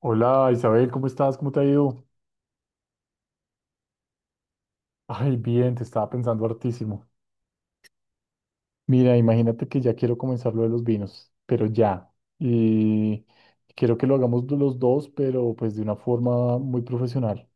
Hola Isabel, ¿cómo estás? ¿Cómo te ha ido? Ay, bien, te estaba pensando hartísimo. Mira, imagínate que ya quiero comenzar lo de los vinos, pero ya. Y quiero que lo hagamos los dos, pero pues de una forma muy profesional.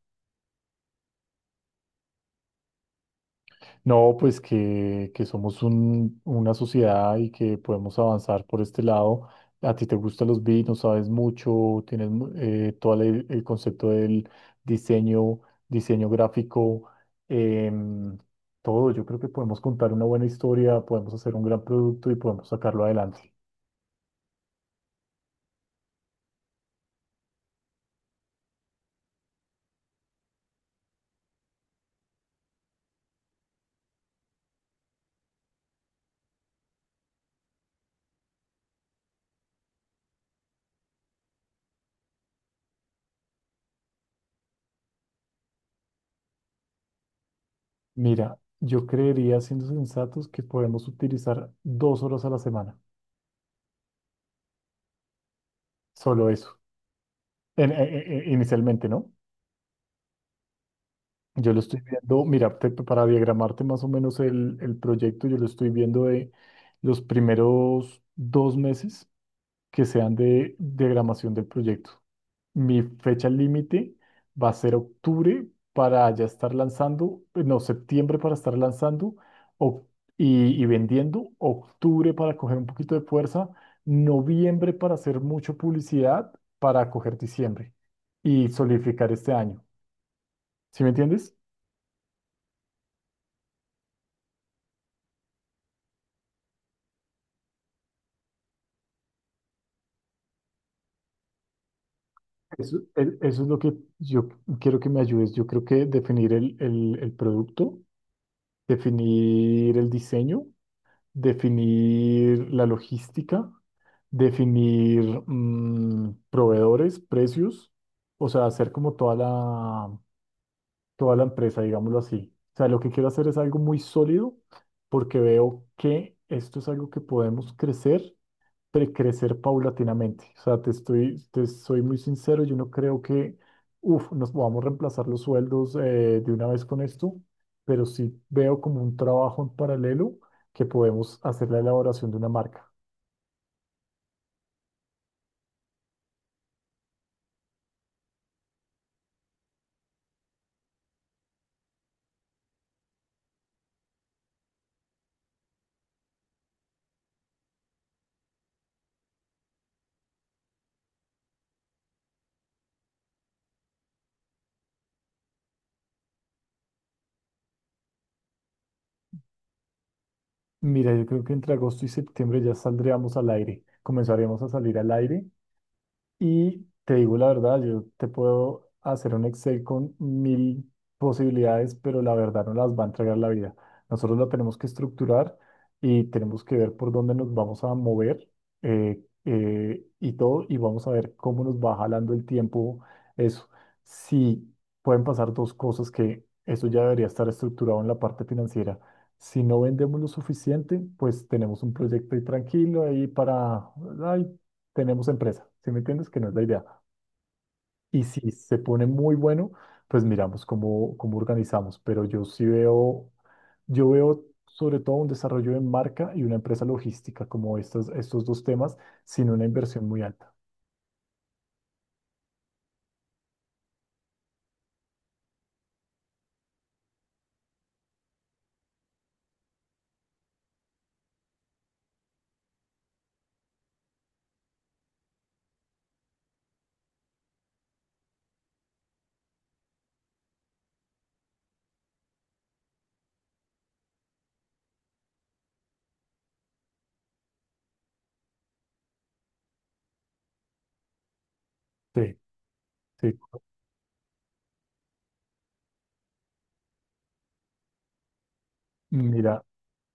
No, pues que somos una sociedad y que podemos avanzar por este lado. A ti te gustan los vinos, sabes mucho, tienes todo el concepto del diseño, diseño gráfico, em, todo. Yo creo que podemos contar una buena historia, podemos hacer un gran producto y podemos sacarlo adelante. Mira, yo creería, siendo sensatos, que podemos utilizar 2 horas a la semana, solo eso, inicialmente, ¿no? Yo lo estoy viendo, mira, para diagramarte más o menos el proyecto, yo lo estoy viendo de los primeros 2 meses que sean de diagramación del proyecto. Mi fecha límite va a ser octubre para ya estar lanzando, no, septiembre para estar lanzando, oc- y vendiendo, octubre para coger un poquito de fuerza, noviembre para hacer mucha publicidad, para coger diciembre y solidificar este año. ¿Sí me entiendes? Eso, eso es lo que yo quiero que me ayudes. Yo creo que definir el producto, definir el diseño, definir la logística, definir proveedores, precios, o sea, hacer como toda la empresa, digámoslo así. O sea, lo que quiero hacer es algo muy sólido porque veo que esto es algo que podemos crecer, crecer paulatinamente. O sea, te soy muy sincero, yo no creo que, nos podamos reemplazar los sueldos, de una vez con esto, pero sí veo como un trabajo en paralelo que podemos hacer la elaboración de una marca. Mira, yo creo que entre agosto y septiembre ya saldríamos al aire, comenzaremos a salir al aire. Y te digo la verdad, yo te puedo hacer un Excel con 1.000 posibilidades, pero la verdad no las va a entregar la vida. Nosotros lo tenemos que estructurar y tenemos que ver por dónde nos vamos a mover, eh, y todo, y vamos a ver cómo nos va jalando el tiempo eso. Si pueden pasar dos cosas, que eso ya debería estar estructurado en la parte financiera. Si no vendemos lo suficiente, pues tenemos un proyecto ahí tranquilo, ahí para, ay, tenemos empresa, ¿sí me entiendes? Que no es la idea. Y si se pone muy bueno, pues miramos cómo organizamos. Pero yo veo sobre todo un desarrollo de marca y una empresa logística como estos dos temas, sin una inversión muy alta. Sí, sí. Mira,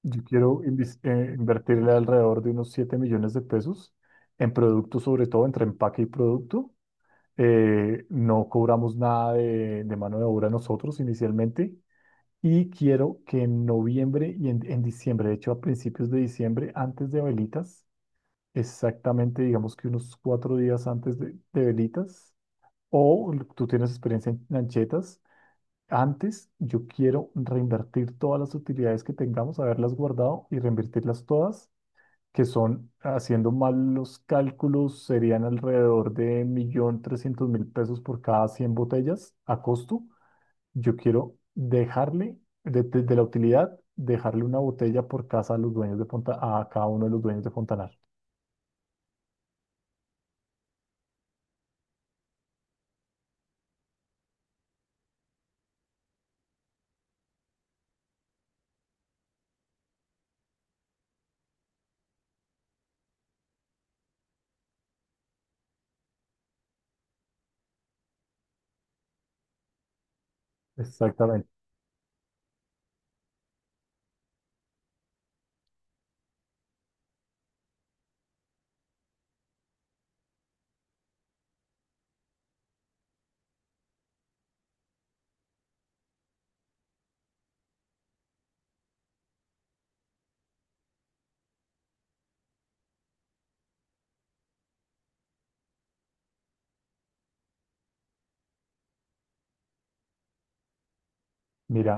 yo quiero invertirle alrededor de unos 7 millones de pesos en productos, sobre todo entre empaque y producto. No cobramos nada de mano de obra nosotros inicialmente. Y quiero que en noviembre y en diciembre, de hecho a principios de diciembre, antes de Velitas, exactamente digamos que unos 4 días antes de Velitas, tú tienes experiencia en lanchetas, antes yo quiero reinvertir todas las utilidades que tengamos, haberlas guardado y reinvertirlas todas, que son, haciendo mal los cálculos, serían alrededor de 1.300.000 pesos por cada 100 botellas a costo. Yo quiero dejarle, de la utilidad, dejarle una botella por casa a cada uno de los dueños de Fontanar. Exactamente. Mira,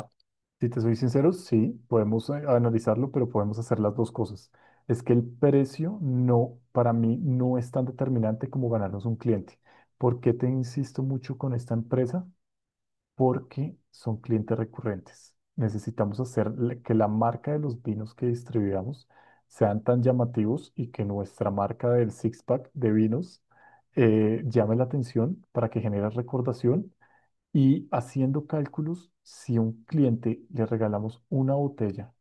si te soy sincero, sí, podemos, analizarlo, pero podemos hacer las dos cosas. Es que el precio no, para mí, no es tan determinante como ganarnos un cliente. ¿Por qué te insisto mucho con esta empresa? Porque son clientes recurrentes. Necesitamos hacer que la marca de los vinos que distribuidamos sean tan llamativos y que nuestra marca del six-pack de vinos llame la atención para que genere recordación. Y haciendo cálculos, si a un cliente le regalamos una botella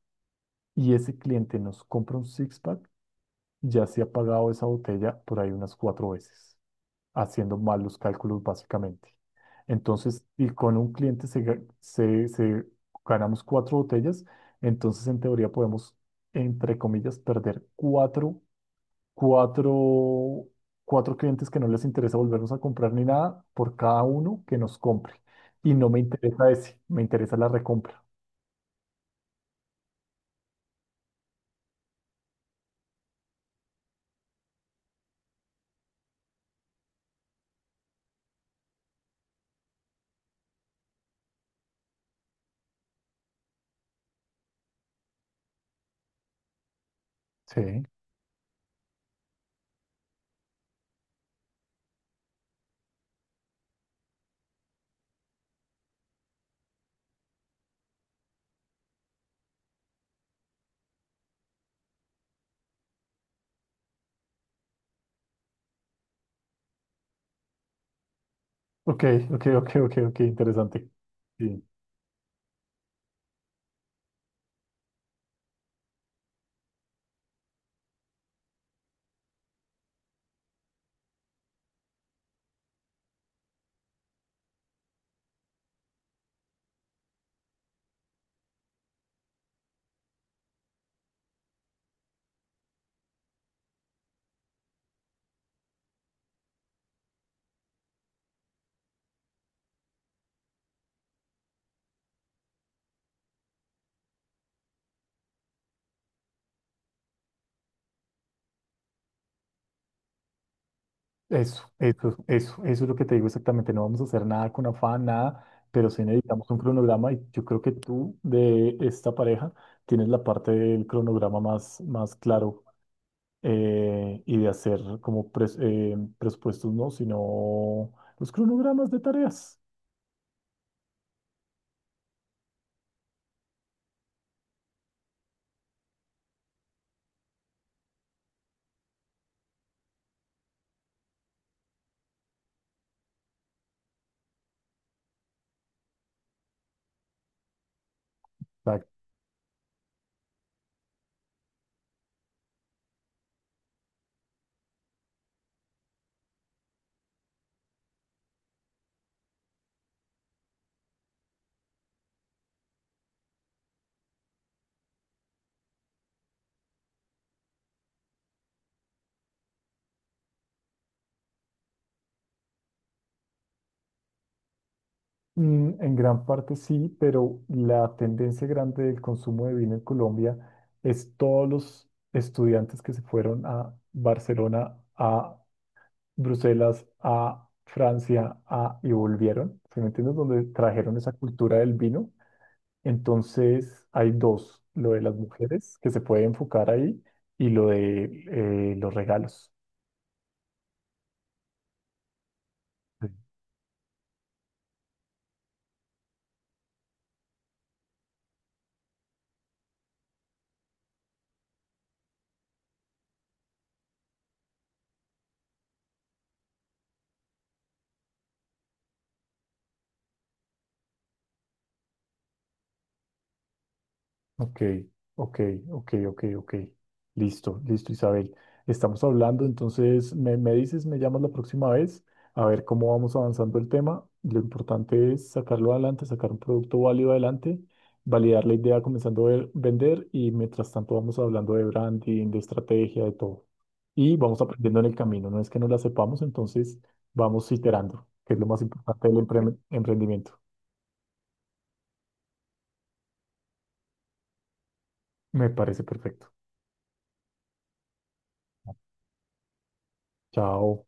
y ese cliente nos compra un six-pack, ya se ha pagado esa botella por ahí unas 4 veces, haciendo mal los cálculos básicamente. Entonces, y con un cliente se, ga- se- se- ganamos 4 botellas, entonces en teoría podemos, entre comillas, perder cuatro, cuatro, cuatro clientes, que no les interesa volvernos a comprar ni nada, por cada uno que nos compre. Y no me interesa ese, me interesa la recompra. Sí. Ok, ok, ok, ok, ok, interesante. Sí. Eso es lo que te digo exactamente. No vamos a hacer nada con afán, nada, pero sí necesitamos un cronograma y yo creo que tú de esta pareja tienes la parte del cronograma más, más claro, y de hacer como presupuestos, no, sino los cronogramas de tareas. O en gran parte sí, pero la tendencia grande del consumo de vino en Colombia es todos los estudiantes que se fueron a Barcelona, a Bruselas, a Francia, a, y volvieron, ¿sí me entiendes? Donde trajeron esa cultura del vino. Entonces hay dos, lo de las mujeres, que se puede enfocar ahí, y lo de, los regalos. Ok, ok, ok, ok, ok. Listo, listo, Isabel. Estamos hablando, entonces me, dices, me llamas la próxima vez a ver cómo vamos avanzando el tema. Lo importante es sacarlo adelante, sacar un producto válido adelante, validar la idea comenzando a vender, y mientras tanto vamos hablando de branding, de estrategia, de todo. Y vamos aprendiendo en el camino. No es que no la sepamos, entonces vamos iterando, que es lo más importante del emprendimiento. Me parece perfecto. Chao.